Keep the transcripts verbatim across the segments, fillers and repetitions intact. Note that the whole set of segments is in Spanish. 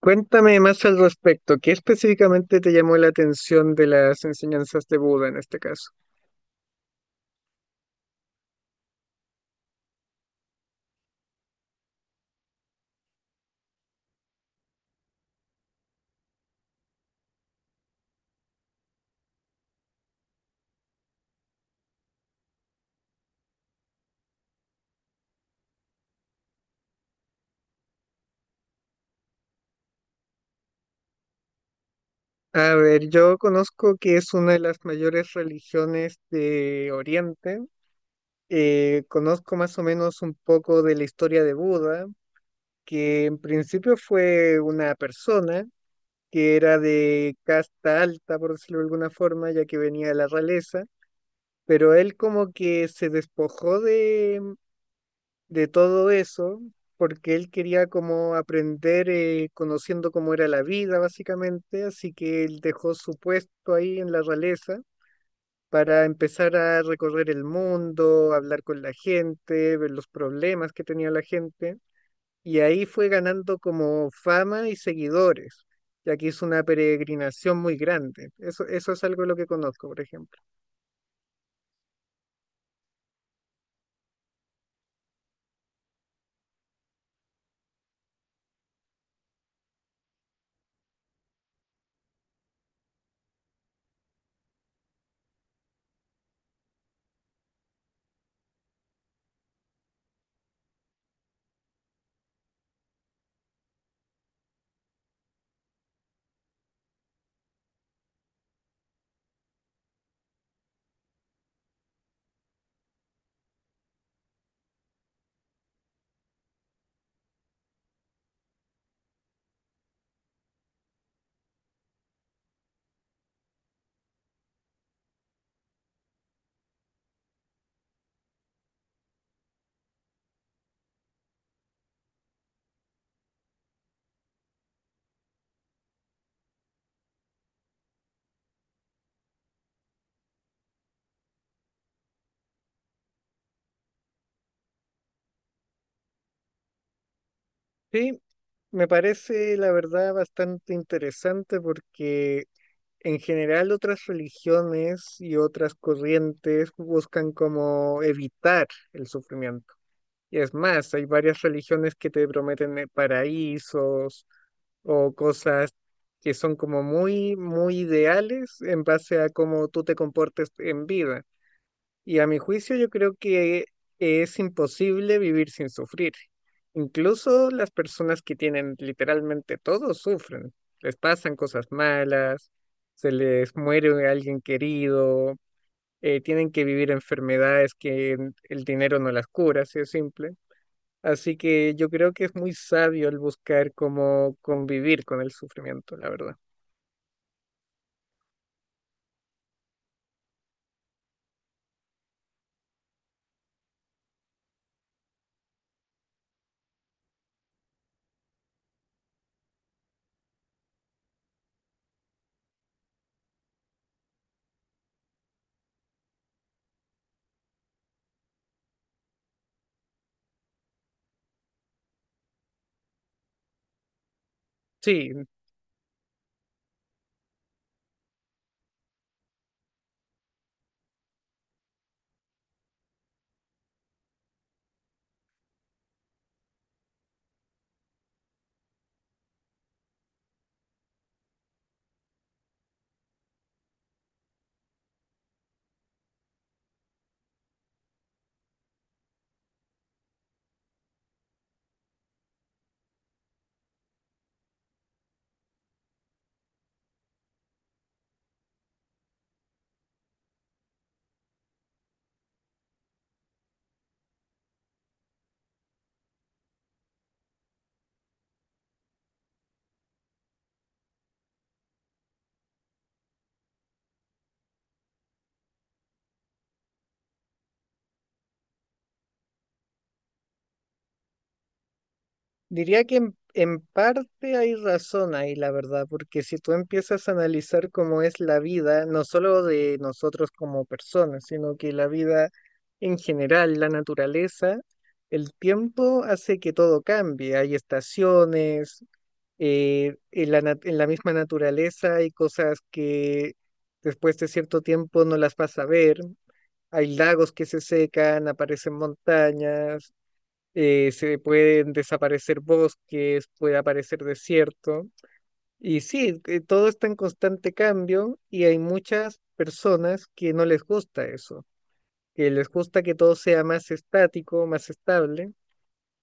Cuéntame más al respecto. ¿Qué específicamente te llamó la atención de las enseñanzas de Buda en este caso? A ver, yo conozco que es una de las mayores religiones de Oriente. Eh, conozco más o menos un poco de la historia de Buda, que en principio fue una persona que era de casta alta, por decirlo de alguna forma, ya que venía de la realeza, pero él como que se despojó de todo eso, porque él quería como aprender eh, conociendo cómo era la vida, básicamente, así que él dejó su puesto ahí en la realeza para empezar a recorrer el mundo, hablar con la gente, ver los problemas que tenía la gente, y ahí fue ganando como fama y seguidores, ya que hizo una peregrinación muy grande. Eso, eso es algo de lo que conozco, por ejemplo. Sí, me parece, la verdad, bastante interesante porque en general otras religiones y otras corrientes buscan como evitar el sufrimiento. Y es más, hay varias religiones que te prometen eh, paraísos o cosas que son como muy, muy ideales en base a cómo tú te comportes en vida. Y a mi juicio yo creo que es imposible vivir sin sufrir. Incluso las personas que tienen literalmente todo sufren. Les pasan cosas malas, se les muere alguien querido, eh, tienen que vivir enfermedades que el dinero no las cura, así de simple. Así que yo creo que es muy sabio el buscar cómo convivir con el sufrimiento, la verdad. Sí, diría que en, en parte hay razón ahí, la verdad, porque si tú empiezas a analizar cómo es la vida, no solo de nosotros como personas, sino que la vida en general, la naturaleza, el tiempo hace que todo cambie. Hay estaciones, eh, en la, nat- en la misma naturaleza hay cosas que después de cierto tiempo no las vas a ver. Hay lagos que se secan, aparecen montañas, eh, se pueden desaparecer bosques, puede aparecer desierto. Y sí, que todo está en constante cambio y hay muchas personas que no les gusta eso, que les gusta que todo sea más estático, más estable,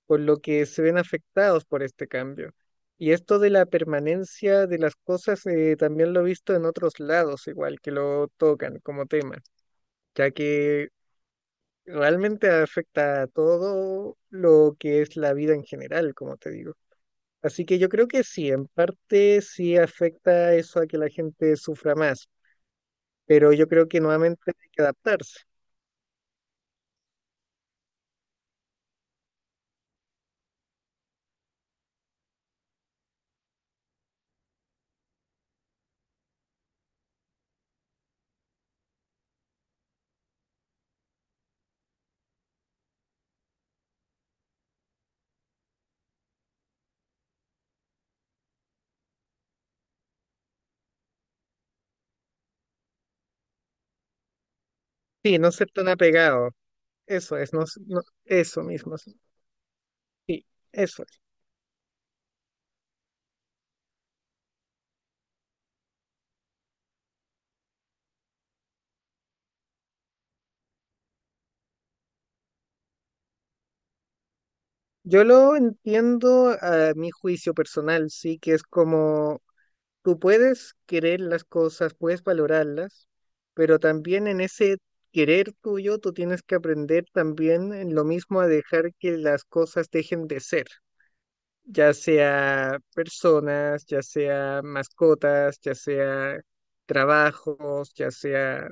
por lo que se ven afectados por este cambio. Y esto de la permanencia de las cosas eh, también lo he visto en otros lados, igual que lo tocan como tema, ya que realmente afecta a todo lo que es la vida en general, como te digo. Así que yo creo que sí, en parte sí afecta eso a que la gente sufra más, pero yo creo que nuevamente hay que adaptarse. Sí, no ser tan apegado. Eso es, no, s- no- eso mismo. Sí, sí, eso es. Yo lo entiendo a mi juicio personal, sí, que es como tú puedes querer las cosas, puedes valorarlas, pero también en ese querer tuyo tú tienes que aprender también en lo mismo a dejar que las cosas dejen de ser, ya sea personas, ya sea mascotas, ya sea trabajos, ya sea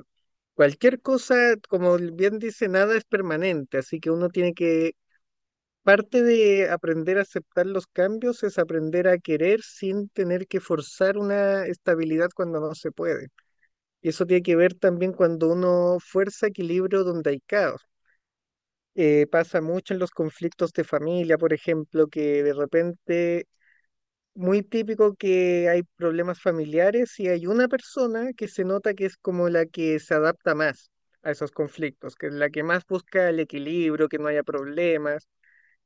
cualquier cosa. Como bien dice, nada es permanente, así que uno tiene que, parte de aprender a aceptar los cambios es aprender a querer sin tener que forzar una estabilidad cuando no se puede. Y eso tiene que ver también cuando uno fuerza equilibrio donde hay caos. Eh, pasa mucho en los conflictos de familia, por ejemplo, que de repente muy típico que hay problemas familiares y hay una persona que se nota que es como la que se adapta más a esos conflictos, que es la que más busca el equilibrio, que no haya problemas.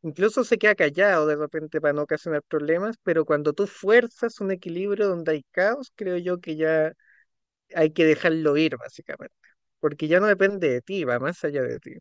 Incluso se queda callado de repente para no ocasionar problemas, pero cuando tú fuerzas un equilibrio donde hay caos, creo yo que ya hay que dejarlo ir, básicamente, porque ya no depende de ti, va más allá de ti.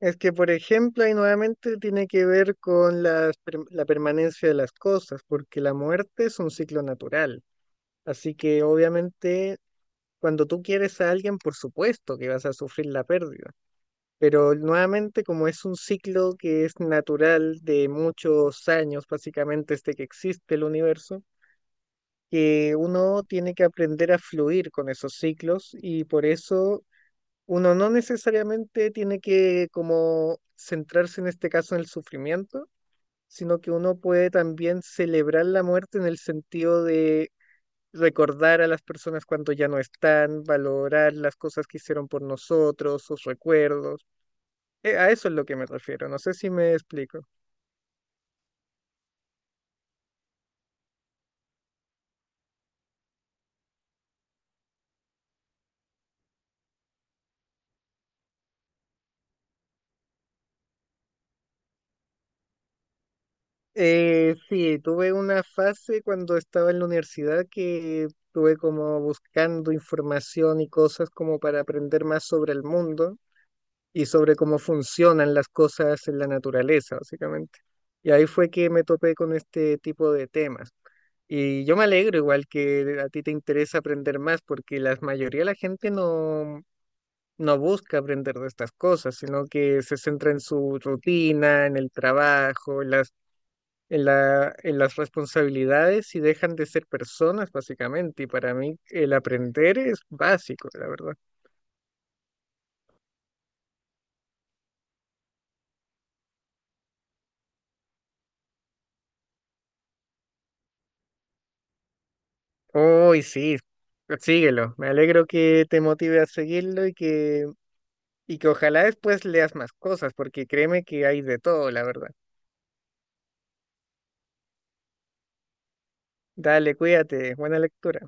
Es que, por ejemplo, ahí nuevamente tiene que ver con las per- la permanencia de las cosas, porque la muerte es un ciclo natural. Así que, obviamente, cuando tú quieres a alguien, por supuesto que vas a sufrir la pérdida. Pero nuevamente, como es un ciclo que es natural de muchos años, básicamente desde que existe el universo, que uno tiene que aprender a fluir con esos ciclos y por eso uno no necesariamente tiene que como centrarse en este caso en el sufrimiento, sino que uno puede también celebrar la muerte en el sentido de recordar a las personas cuando ya no están, valorar las cosas que hicieron por nosotros, sus recuerdos. Eh, a eso es lo que me refiero, no sé si me explico. Eh, sí, tuve una fase cuando estaba en la universidad que estuve como buscando información y cosas como para aprender más sobre el mundo y sobre cómo funcionan las cosas en la naturaleza, básicamente. Y ahí fue que me topé con este tipo de temas. Y yo me alegro igual que a ti te interesa aprender más, porque la mayoría de la gente no, no busca aprender de estas cosas, sino que se centra en su rutina, en el trabajo, en las, en la, en las responsabilidades y dejan de ser personas, básicamente. Y para mí el aprender es básico, la verdad. Uy, sí, síguelo. Me alegro que te motive a seguirlo y que, y que ojalá después leas más cosas, porque créeme que hay de todo, la verdad. Dale, cuídate, buena lectura.